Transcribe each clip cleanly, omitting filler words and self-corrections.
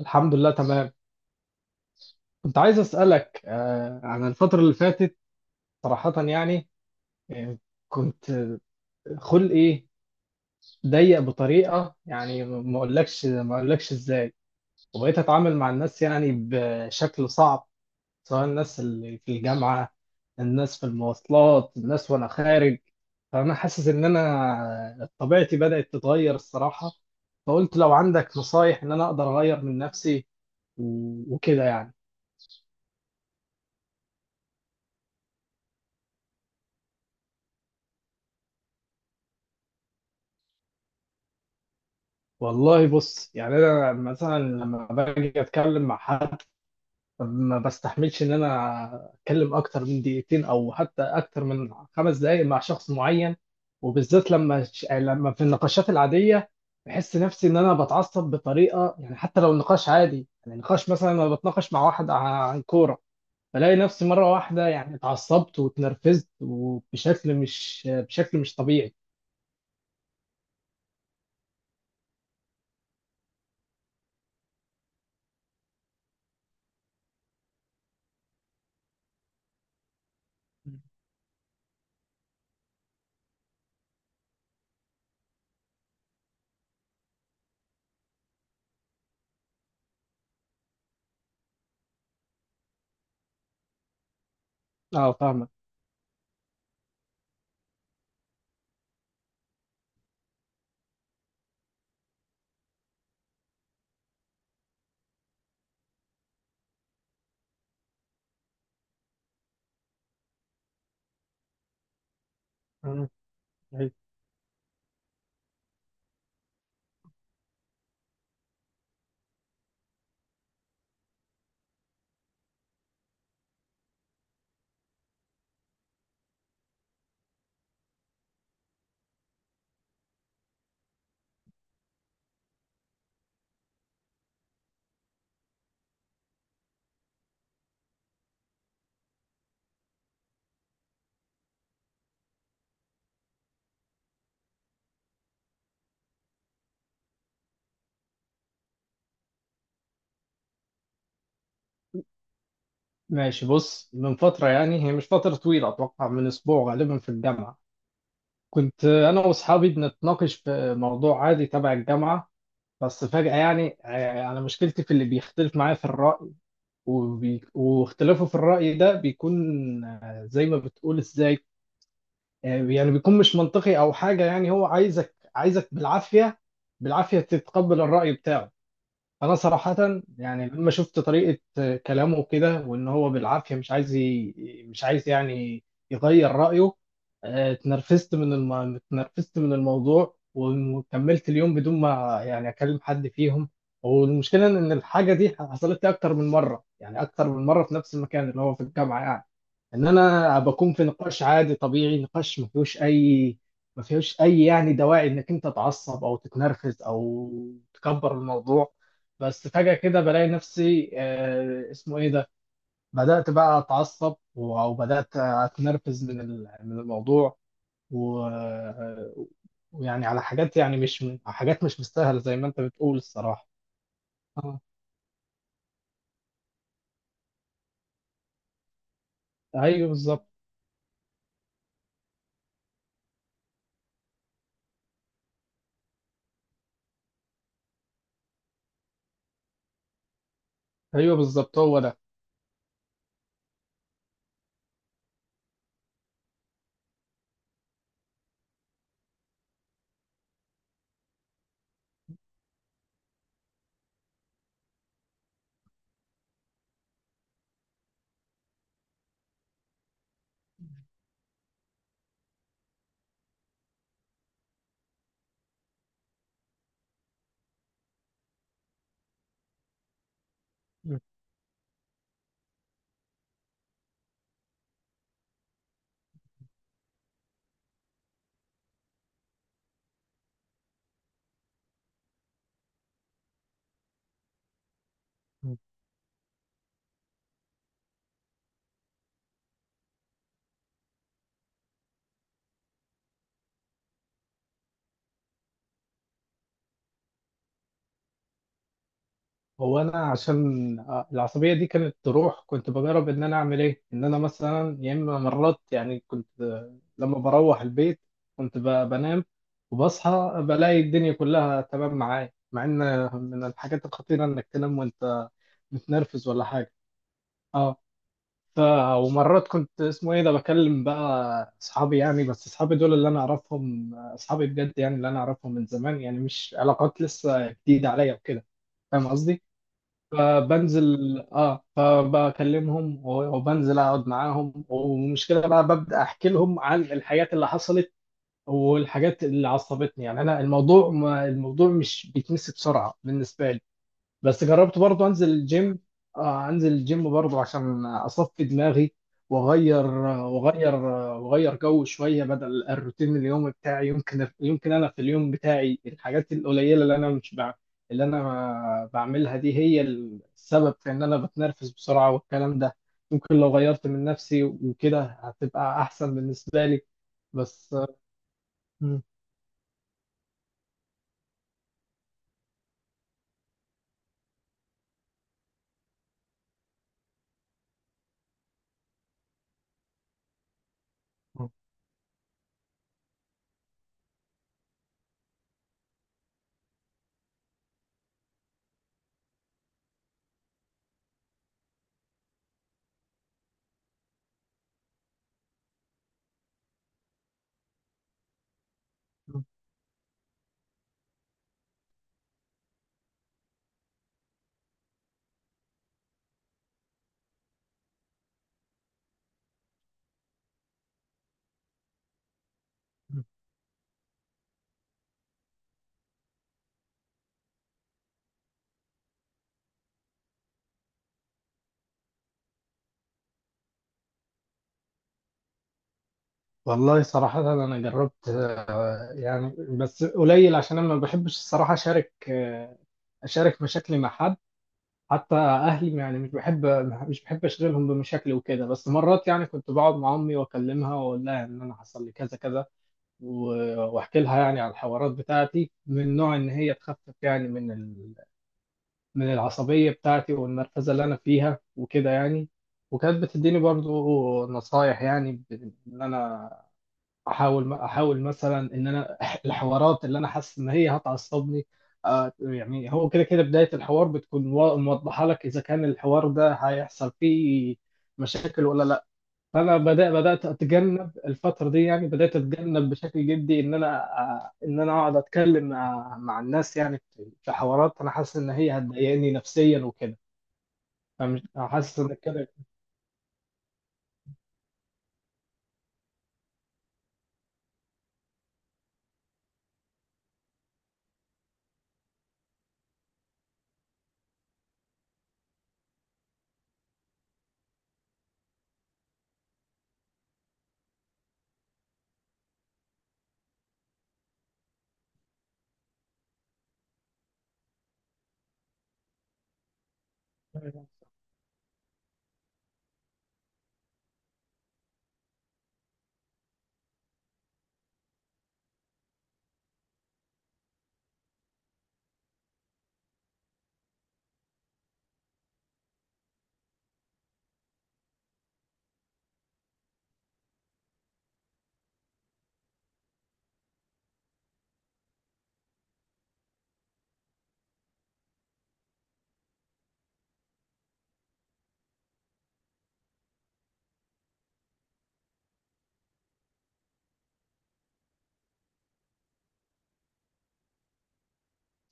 الحمد لله تمام. كنت عايز أسألك عن الفترة اللي فاتت. صراحة يعني، آه، كنت خلقي ضيق بطريقة، يعني ما أقولكش إزاي. وبقيت أتعامل مع الناس يعني بشكل صعب، سواء الناس اللي في الجامعة، الناس في المواصلات، الناس وأنا خارج. فأنا حاسس إن أنا طبيعتي بدأت تتغير الصراحة. فقلت لو عندك نصايح إن أنا أقدر أغير من نفسي و- وكده يعني. والله بص، يعني انا مثلا لما باجي اتكلم مع حد، ما بستحملش ان انا اتكلم اكتر من دقيقتين او حتى اكتر من 5 دقائق مع شخص معين. وبالذات لما يعني لما في النقاشات العاديه، بحس نفسي ان انا بتعصب بطريقه، يعني حتى لو النقاش عادي، يعني نقاش مثلا انا بتناقش مع واحد عن كوره، بلاقي نفسي مره واحده يعني اتعصبت واتنرفزت وبشكل مش طبيعي. اه، فاهمك. ماشي، بص، من فترة يعني، هي مش فترة طويلة، أتوقع من أسبوع، غالبا في الجامعة، كنت أنا وأصحابي بنتناقش في موضوع عادي تبع الجامعة. بس فجأة يعني، أنا مشكلتي في اللي بيختلف معايا في الرأي، واختلافه في الرأي ده بيكون زي ما بتقول إزاي. يعني بيكون مش منطقي أو حاجة، يعني هو عايزك عايزك بالعافية، بالعافية تتقبل الرأي بتاعه. انا صراحة يعني لما شفت طريقة كلامه كده، وان هو بالعافية مش عايز يعني يغير رأيه. اتنرفزت من الموضوع، وكملت اليوم بدون ما يعني اكلم حد فيهم. والمشكلة ان الحاجة دي حصلت لي اكتر من مرة، يعني اكتر من مرة في نفس المكان اللي هو في الجامعة يعني، ان انا بكون في نقاش عادي طبيعي، نقاش ما فيهوش اي يعني دواعي انك انت تعصب او تتنرفز او تكبر الموضوع. بس فجأة كده، بلاقي نفسي اسمه ايه ده، بدأت بقى اتعصب و- وبدأت اتنرفز من الموضوع و... ويعني على حاجات، يعني مش حاجات مش مستاهلة زي ما انت بتقول الصراحة. اه، ايوه بالظبط. ايوه بالظبط هو. ده هو، انا عشان العصبيه دي كانت تروح، كنت بجرب ان انا اعمل ايه، ان انا مثلا يا اما مرات يعني كنت لما بروح البيت، كنت بنام، وبصحى بلاقي الدنيا كلها تمام معايا، مع ان من الحاجات الخطيره انك تنام وانت متنرفز ولا حاجه. اه، ف ومرات كنت اسمه ايه ده، بكلم بقى اصحابي يعني، بس اصحابي دول اللي انا اعرفهم، اصحابي بجد يعني، اللي انا اعرفهم من زمان يعني، مش علاقات لسه جديده عليا وكده، فاهم قصدي. فبنزل اه، فبكلمهم و- وبنزل اقعد معاهم، والمشكله بقى، ببدا احكي لهم عن الحاجات اللي حصلت والحاجات اللي عصبتني يعني. انا الموضوع، ما الموضوع مش بيتنسي بسرعه بالنسبه لي. بس جربت برضه انزل الجيم. آه، انزل الجيم برضه عشان اصفي دماغي، واغير واغير واغير جو شويه بدل الروتين اليومي بتاعي. يمكن انا في اليوم بتاعي، الحاجات القليله اللي انا مش بع... اللي انا بعملها دي هي السبب في ان انا بتنرفز بسرعه والكلام ده. ممكن لو غيرت من نفسي وكده هتبقى احسن بالنسبه لي، بس. والله صراحة أنا جربت، يعني بس قليل، عشان أنا ما بحبش الصراحة أشارك أشارك مشاكلي مع حد، حتى أهلي يعني مش بحب أشغلهم بمشاكلي وكده. بس مرات يعني كنت بقعد مع أمي وأكلمها، وأقول لها إن أنا حصل لي كذا كذا، و- وأحكي لها يعني على الحوارات بتاعتي، من نوع إن هي تخفف يعني من العصبية بتاعتي والمركزة اللي أنا فيها وكده يعني. وكانت بتديني برضو نصايح، يعني إن أنا احاول مثلا ان انا الحوارات اللي انا حاسس ان هي هتعصبني. يعني هو كده كده، بدايه الحوار بتكون موضحه لك اذا كان الحوار ده هيحصل فيه مشاكل ولا لا. فانا بدات اتجنب الفتره دي، يعني بدات اتجنب بشكل جدي ان انا، ان انا اقعد اتكلم مع الناس يعني، في حوارات انا حاسس ان هي هتضايقني نفسيا وكده. فمش حاسس ان كده.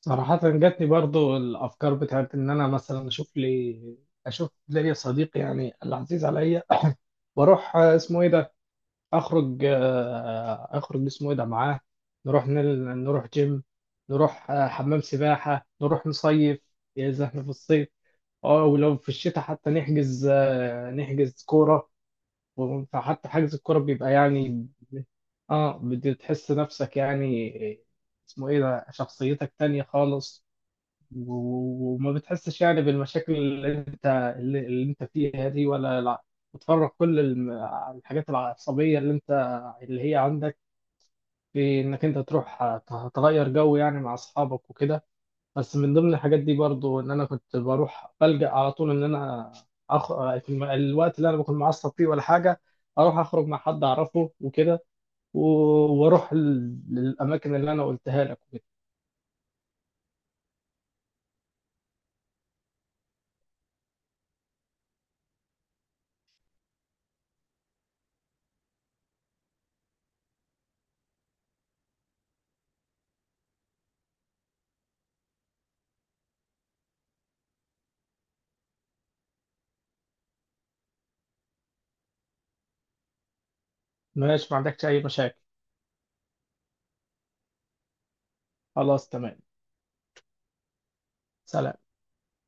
صراحة جاتني برضو الأفكار بتاعت إن أنا مثلا أشوف لي صديق يعني العزيز عليا. وأروح اسمه إيه ده، أخرج اسمه إيه ده معاه. نروح نل... نروح جيم، نروح حمام سباحة، نروح نصيف إذا إحنا في الصيف. أه، ولو في الشتاء حتى نحجز نحجز كورة فحتى حجز الكورة بيبقى يعني. أه، بتحس نفسك يعني، اسمه إيه ده، شخصيتك تانية خالص. و- وما بتحسش يعني بالمشاكل اللي انت فيها دي ولا لا. بتفرغ كل الحاجات العصبية اللي انت، اللي هي عندك، في انك انت تروح تغير جو يعني مع اصحابك وكده. بس من ضمن الحاجات دي برضو ان انا كنت بروح بلجأ على طول، ان انا في الوقت اللي انا بكون معصب فيه ولا حاجة، اروح اخرج مع حد اعرفه وكده، و- واروح للاماكن اللي انا قلتها لك وكده. ماشي، ما عندكش اي مشاكل. خلاص تمام. سلام.